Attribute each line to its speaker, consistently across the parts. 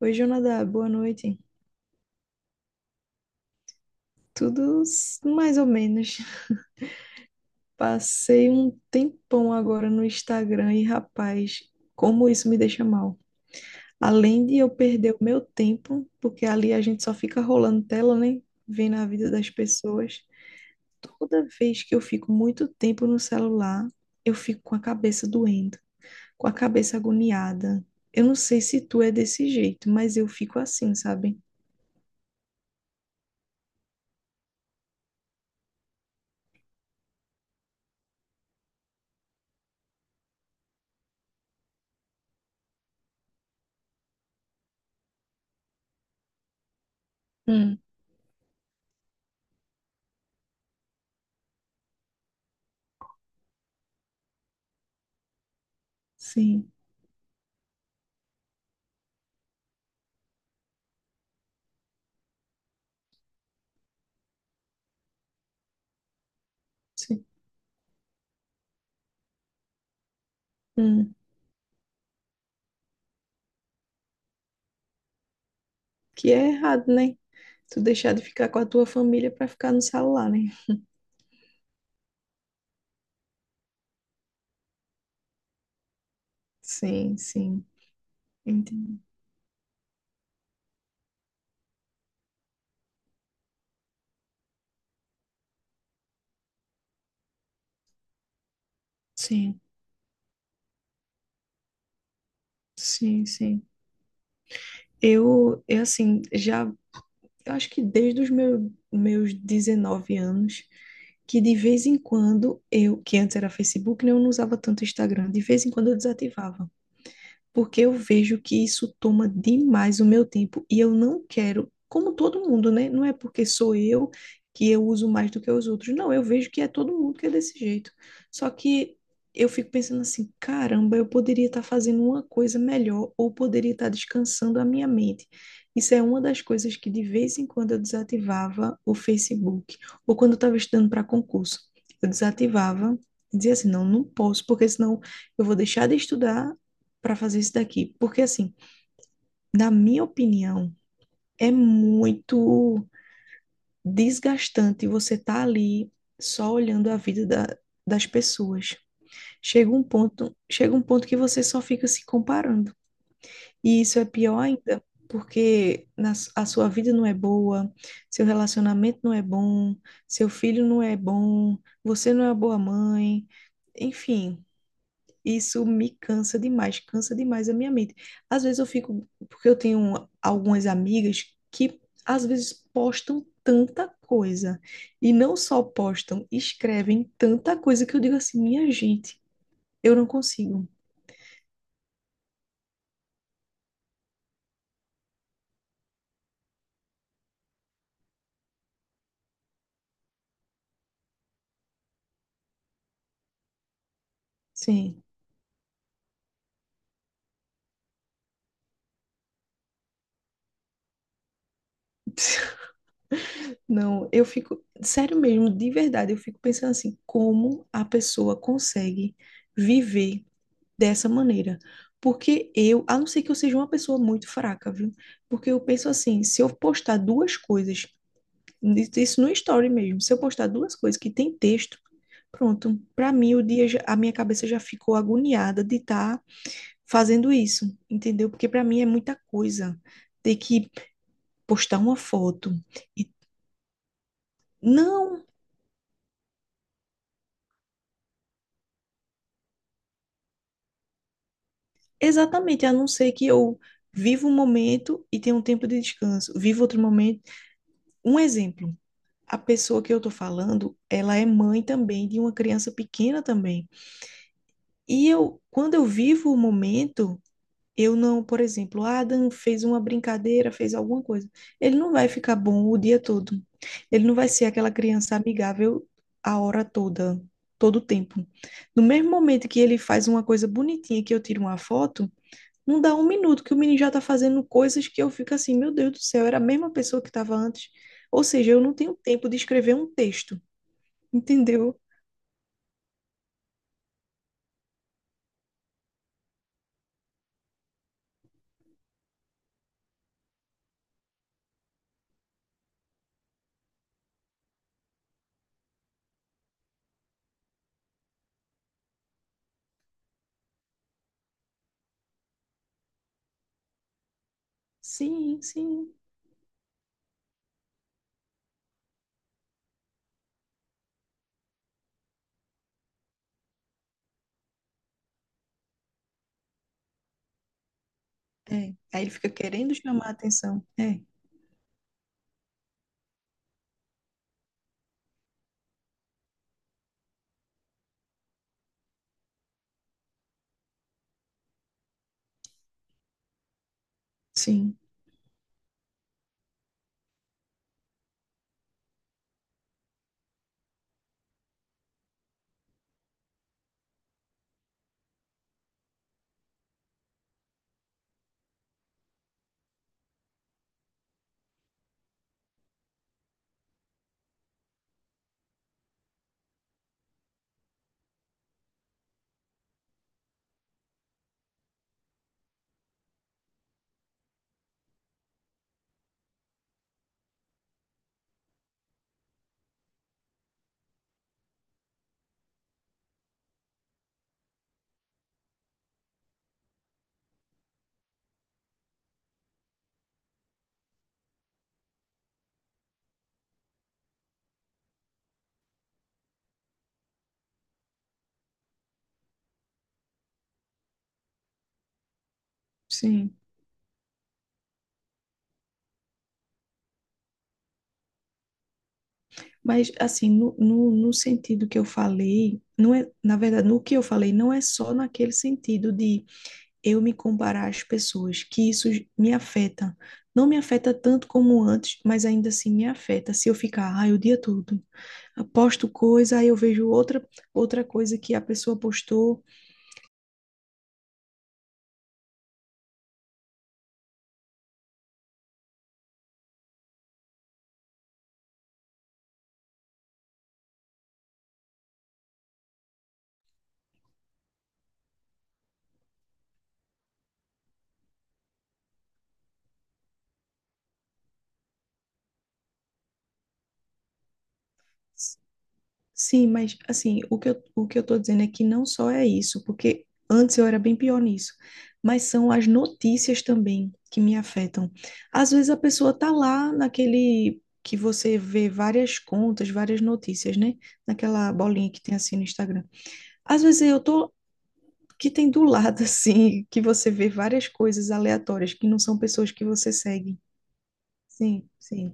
Speaker 1: Oi, Jonadá, boa noite. Tudo mais ou menos. Passei um tempão agora no Instagram e, rapaz, como isso me deixa mal. Além de eu perder o meu tempo, porque ali a gente só fica rolando tela, né? Vendo a vida das pessoas. Toda vez que eu fico muito tempo no celular, eu fico com a cabeça doendo, com a cabeça agoniada. Eu não sei se tu é desse jeito, mas eu fico assim, sabe? Hum, sim, sim. Hum. Que é errado, né? Tu deixar de ficar com a tua família pra ficar no celular, né? Sim, sim, entendi. Sim, sim, sim. Eu assim, já, eu acho que desde os meus, meus 19 anos, que de vez em quando eu, que antes era Facebook, né, eu não usava tanto Instagram, de vez em quando eu desativava. Porque eu vejo que isso toma demais o meu tempo e eu não quero, como todo mundo, né? Não é porque sou eu que eu uso mais do que os outros. Não, eu vejo que é todo mundo que é desse jeito. Só que eu fico pensando assim, caramba, eu poderia estar fazendo uma coisa melhor ou poderia estar descansando a minha mente. Isso é uma das coisas que de vez em quando eu desativava o Facebook, ou quando eu estava estudando para concurso. Eu desativava, dizia assim, não, não posso, porque senão eu vou deixar de estudar para fazer isso daqui. Porque, assim, na minha opinião, é muito desgastante você estar ali só olhando a vida das pessoas. Chega um ponto que você só fica se comparando. E isso é pior ainda, porque a sua vida não é boa, seu relacionamento não é bom, seu filho não é bom, você não é uma boa mãe. Enfim, isso me cansa demais a minha mente. Às vezes eu fico, porque eu tenho algumas amigas que às vezes postam tanta coisa e não só postam, escrevem tanta coisa que eu digo assim, minha gente, eu não consigo. Sim. Não, eu fico, sério mesmo, de verdade, eu fico pensando assim, como a pessoa consegue viver dessa maneira. Porque eu, a não ser que eu seja uma pessoa muito fraca, viu? Porque eu penso assim, se eu postar duas coisas, isso no story mesmo, se eu postar duas coisas que tem texto, pronto, para mim o dia, a minha cabeça já ficou agoniada de estar fazendo isso, entendeu? Porque para mim é muita coisa ter que postar uma foto. E não, exatamente, a não ser que eu viva um momento e tenha um tempo de descanso, viva outro momento. Um exemplo. A pessoa que eu tô falando, ela é mãe também de uma criança pequena também. E eu, quando eu vivo o momento, eu não, por exemplo, "Ah, Adam fez uma brincadeira, fez alguma coisa. Ele não vai ficar bom o dia todo. Ele não vai ser aquela criança amigável a hora toda, todo o tempo. No mesmo momento que ele faz uma coisa bonitinha, que eu tiro uma foto, não dá um minuto que o menino já tá fazendo coisas que eu fico assim, meu Deus do céu, era a mesma pessoa que estava antes. Ou seja, eu não tenho tempo de escrever um texto. Entendeu? Sim, sim. É. Aí ele fica querendo chamar a atenção. É, sim, sim. Mas, assim, no sentido que eu falei, não é, na verdade, no que eu falei, não é só naquele sentido de eu me comparar às pessoas, que isso me afeta. Não me afeta tanto como antes, mas ainda assim me afeta se eu ficar, ai, o dia todo. Posto coisa, aí eu vejo outra coisa que a pessoa postou. Sim, mas assim, o que eu tô dizendo é que não só é isso, porque antes eu era bem pior nisso, mas são as notícias também que me afetam. Às vezes a pessoa tá lá naquele que você vê várias contas, várias notícias, né? Naquela bolinha que tem assim no Instagram. Às vezes eu tô que tem do lado assim, que você vê várias coisas aleatórias que não são pessoas que você segue. Sim, sim.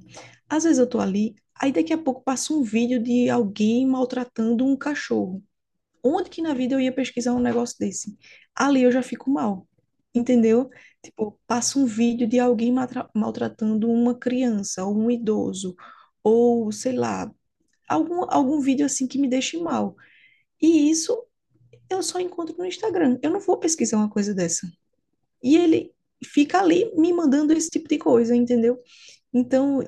Speaker 1: Às vezes eu tô ali, aí daqui a pouco passa um vídeo de alguém maltratando um cachorro, onde que na vida eu ia pesquisar um negócio desse? Ali eu já fico mal, entendeu? Tipo, passa um vídeo de alguém maltratando uma criança ou um idoso, ou sei lá, algum vídeo assim que me deixe mal. E isso eu só encontro no Instagram. Eu não vou pesquisar uma coisa dessa. E ele fica ali me mandando esse tipo de coisa, entendeu? Então,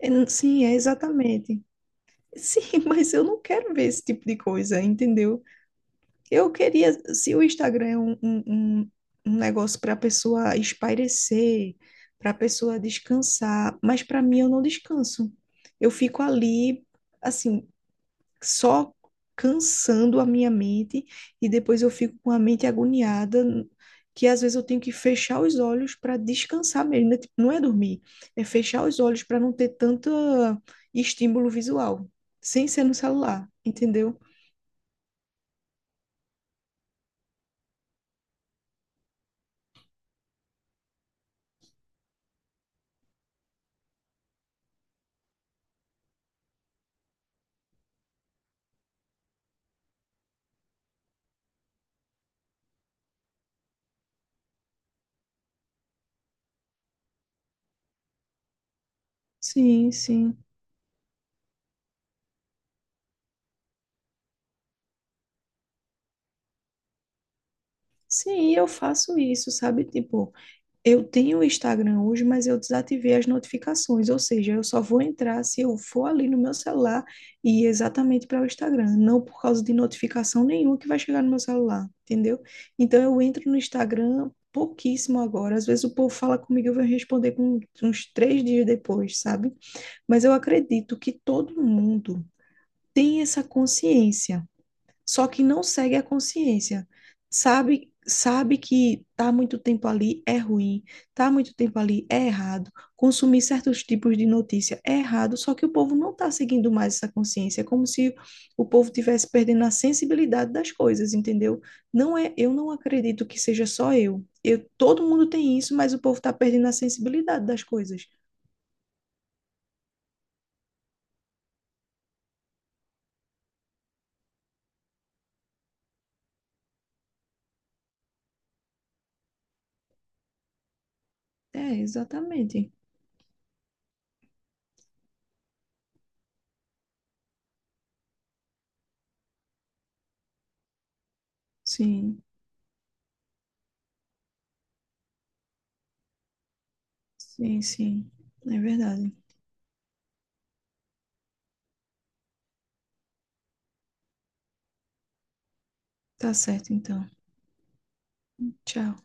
Speaker 1: sim, é exatamente. Sim, mas eu não quero ver esse tipo de coisa, entendeu? Eu queria, se o Instagram é um- um negócio para a pessoa espairecer, para a pessoa descansar, mas para mim eu não descanso. Eu fico ali, assim, só cansando a minha mente e depois eu fico com a mente agoniada, que às vezes eu tenho que fechar os olhos para descansar mesmo, né? Tipo, não é dormir, é fechar os olhos para não ter tanto estímulo visual, sem ser no celular, entendeu? Sim, sim. Sim, eu faço isso, sabe? Tipo, eu tenho o Instagram hoje, mas eu desativei as notificações, ou seja, eu só vou entrar se eu for ali no meu celular e ir exatamente para o Instagram, não por causa de notificação nenhuma que vai chegar no meu celular, entendeu? Então eu entro no Instagram pouquíssimo agora. Às vezes o povo fala comigo, eu vou responder com uns três dias depois, sabe? Mas eu acredito que todo mundo tem essa consciência, só que não segue a consciência. Sabe, sabe que tá muito tempo ali é ruim, tá muito tempo ali é errado, consumir certos tipos de notícia é errado, só que o povo não está seguindo mais essa consciência, é como se o povo tivesse perdendo a sensibilidade das coisas, entendeu? Não é, eu não acredito que seja só eu. Eu, todo mundo tem isso, mas o povo está perdendo a sensibilidade das coisas. É, exatamente. Sim, sim, sim. É verdade. Tá certo, então. Tchau.